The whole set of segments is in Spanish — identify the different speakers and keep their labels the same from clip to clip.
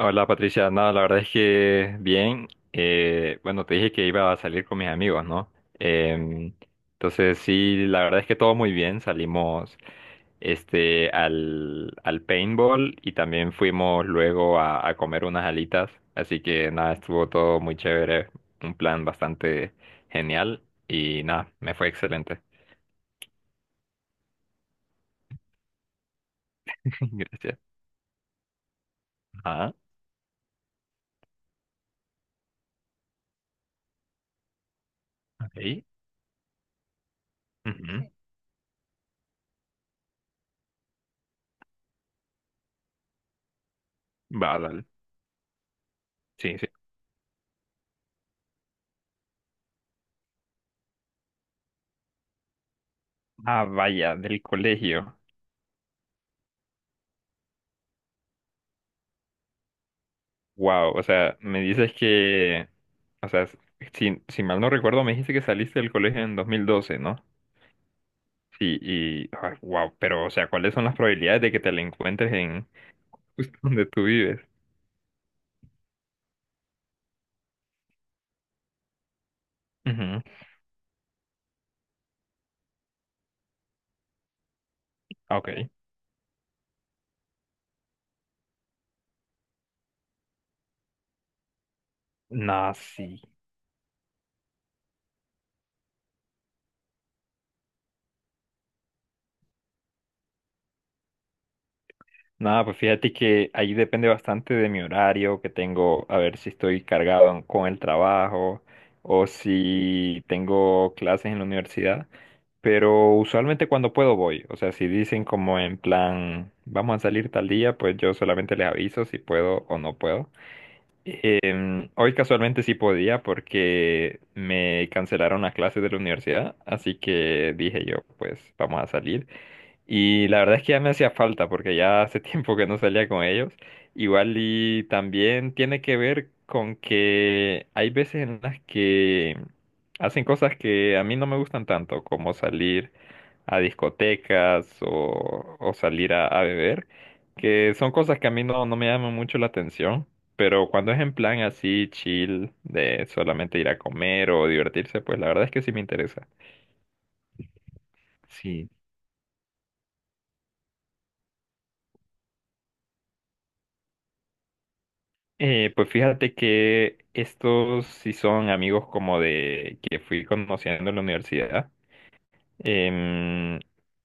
Speaker 1: Hola Patricia, nada, la verdad es que bien. Bueno, te dije que iba a salir con mis amigos, ¿no? Em, entonces sí, la verdad es que todo muy bien. Salimos este al paintball y también fuimos luego a comer unas alitas. Así que nada, estuvo todo muy chévere, un plan bastante genial y nada, me fue excelente. Gracias. Ah, ok. Ujú. Va, dale. Sí, sí. Ah, vaya, del colegio. Wow, o sea, me dices que, o sea, si, si mal no recuerdo, me dijiste que saliste del colegio en 2012, ¿no? Sí, y, wow, pero, o sea, ¿cuáles son las probabilidades de que te la encuentres en justo donde tú vives? Ujú. Ah, ok. Nada, sí. Nada, pues fíjate que ahí depende bastante de mi horario que tengo, a ver si estoy cargado con el trabajo o si tengo clases en la universidad. Pero usualmente cuando puedo voy. O sea, si dicen como en plan, vamos a salir tal día, pues yo solamente les aviso si puedo o no puedo. Hoy casualmente sí podía porque me cancelaron las clases de la universidad, así que dije yo, pues vamos a salir. Y la verdad es que ya me hacía falta porque ya hace tiempo que no salía con ellos. Igual y también tiene que ver con que hay veces en las que hacen cosas que a mí no me gustan tanto, como salir a discotecas o salir a beber, que son cosas que a mí no, no me llaman mucho la atención. Pero cuando es en plan así chill, de solamente ir a comer o divertirse, pues la verdad es que sí me interesa. Sí. Pues fíjate que estos sí son amigos como de que fui conociendo en la universidad. Em,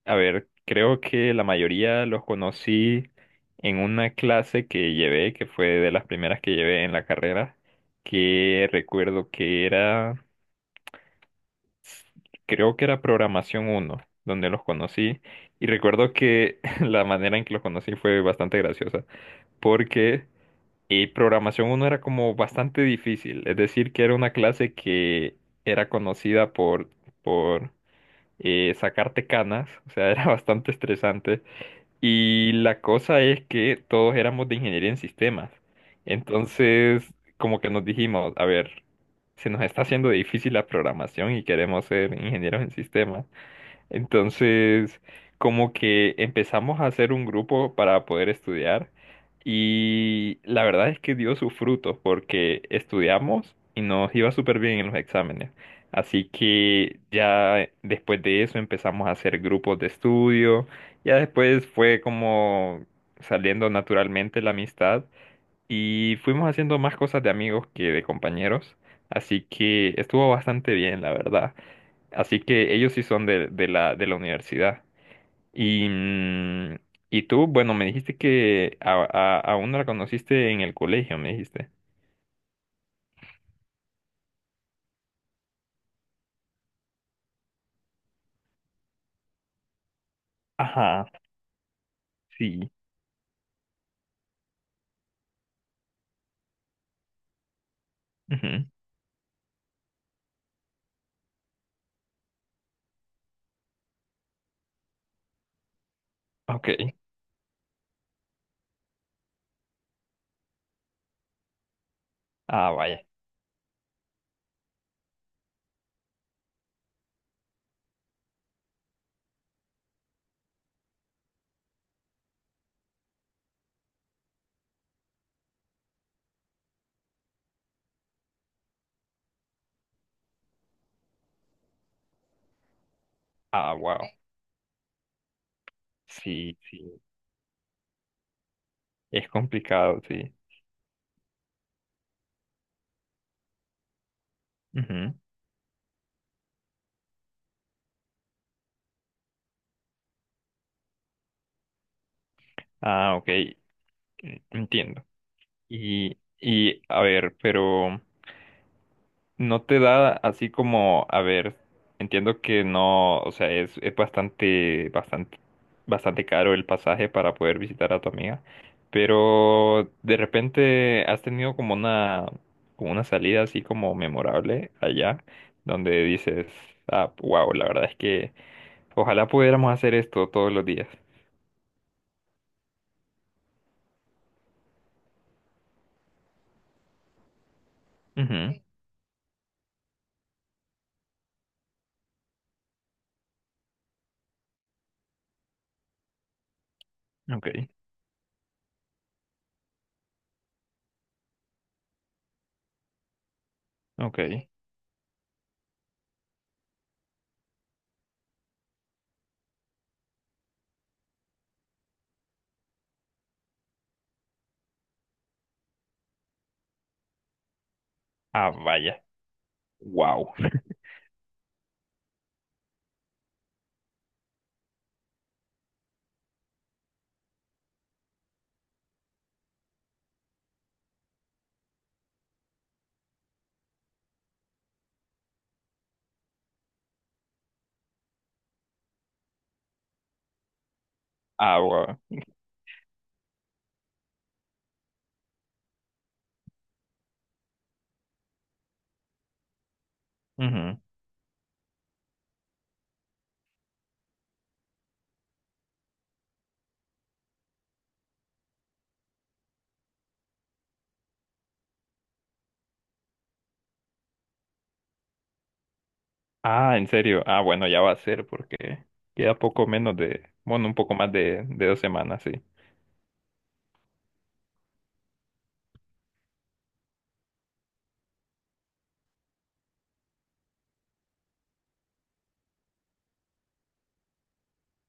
Speaker 1: a ver, creo que la mayoría los conocí en una clase que llevé, que fue de las primeras que llevé en la carrera, que recuerdo que era, creo que era programación uno, donde los conocí. Y recuerdo que la manera en que los conocí fue bastante graciosa, porque y programación uno era como bastante difícil, es decir, que era una clase que era conocida por sacarte canas, o sea, era bastante estresante. Y la cosa es que todos éramos de ingeniería en sistemas. Entonces, como que nos dijimos, a ver, se nos está haciendo difícil la programación y queremos ser ingenieros en sistemas. Entonces, como que empezamos a hacer un grupo para poder estudiar y la verdad es que dio sus frutos porque estudiamos y nos iba súper bien en los exámenes. Así que ya después de eso empezamos a hacer grupos de estudio, ya después fue como saliendo naturalmente la amistad y fuimos haciendo más cosas de amigos que de compañeros. Así que estuvo bastante bien, la verdad. Así que ellos sí son de la universidad. Y, mm, y tú, bueno, me dijiste que a una la conociste en el colegio, me dijiste. Ajá, sí. Ujú. Ok. Ah, vaya. Ah, wow. Sí, sí. Es complicado, sí. Ujú. Ah, ok. Entiendo. Y a ver, pero, no te da así como, a ver, entiendo que no, o sea, es bastante, bastante, bastante caro el pasaje para poder visitar a tu amiga, pero de repente has tenido como una salida así como memorable allá, donde dices, ah, wow, la verdad es que ojalá pudiéramos hacer esto todos los días. Ujú. Sí. Ok, ok. Sí. Ah, vaya, wow. Ah, wow. Ah, ¿en serio? Ah, bueno, ya va a ser porque queda poco menos de, bueno, un poco más de 2 semanas, sí.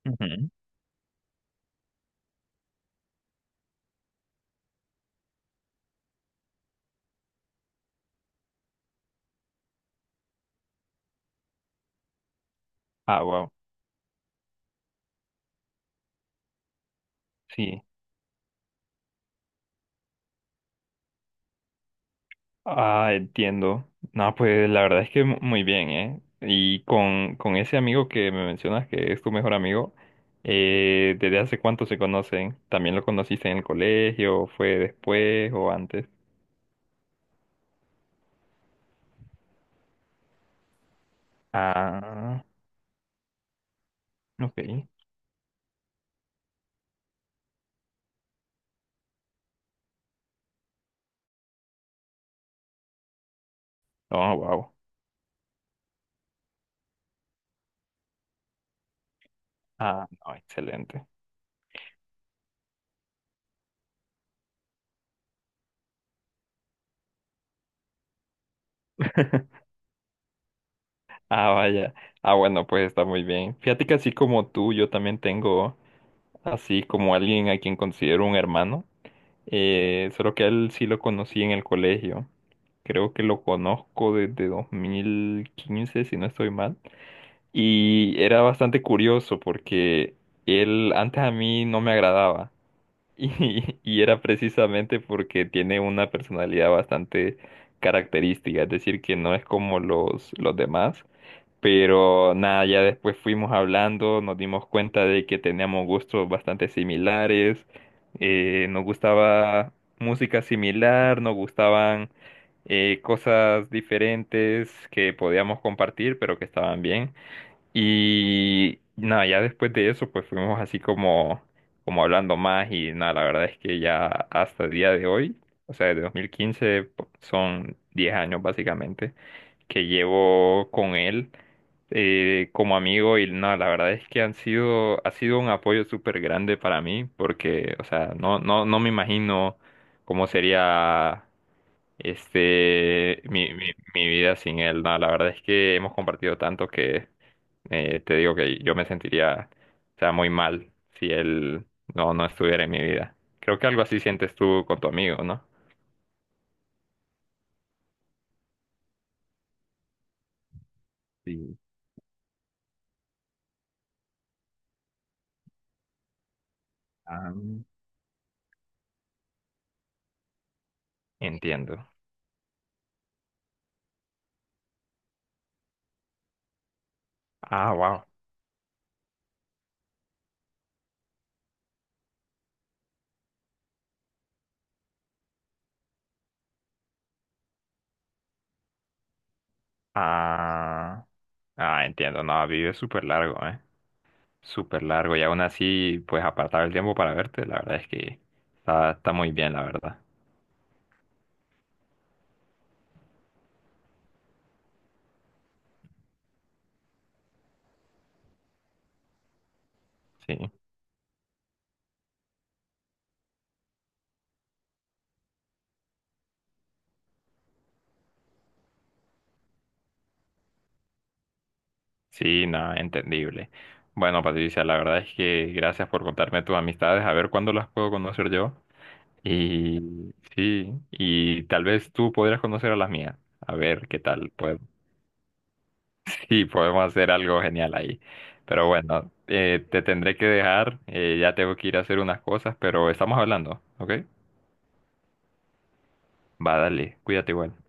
Speaker 1: Ujú. Ah, wow, sí. Ah, entiendo. No, pues la verdad es que muy bien, ¿eh? Y con ese amigo que me mencionas que es tu mejor amigo, ¿desde hace cuánto se conocen? ¿También lo conociste en el colegio? ¿Fue después o antes? Ah, ok. Oh, wow. Ah, no, excelente. Ah, vaya. Ah, bueno, pues está muy bien. Fíjate que así como tú, yo también tengo así como alguien a quien considero un hermano. Solo que a él sí lo conocí en el colegio. Creo que lo conozco desde 2015, si no estoy mal. Y era bastante curioso porque él antes a mí no me agradaba. Y era precisamente porque tiene una personalidad bastante característica, es decir, que no es como los demás. Pero nada, ya después fuimos hablando, nos dimos cuenta de que teníamos gustos bastante similares, nos gustaba música similar, nos gustaban cosas diferentes que podíamos compartir, pero que estaban bien. Y nada, ya después de eso, pues fuimos así como, como hablando más y nada, la verdad es que ya hasta el día de hoy, o sea, desde 2015 son 10 años básicamente que llevo con él como amigo y no, la verdad es que han sido, ha sido un apoyo súper grande para mí porque, o sea, no, no, no me imagino cómo sería este mi vida sin él. No, la verdad es que hemos compartido tanto que te digo que yo me sentiría, o sea, muy mal si él no, no estuviera en mi vida. Creo que algo así sientes tú con tu amigo, ¿no? Sí. Ah, entiendo. Ah, ah, ah, entiendo, no, vive súper largo, ¿eh? Súper largo, y aún así, pues apartar el tiempo para verte, la verdad es que está, está muy bien, la verdad. Sí, sí, nada, entendible. Bueno, Patricia, la verdad es que gracias por contarme tus amistades, a ver cuándo las puedo conocer yo. Y sí, y tal vez tú podrías conocer a las mías, a ver qué tal, pues sí, podemos hacer algo genial ahí. Pero bueno, te tendré que dejar. Ya tengo que ir a hacer unas cosas, pero estamos hablando, ¿ok? Va, dale, cuídate igual.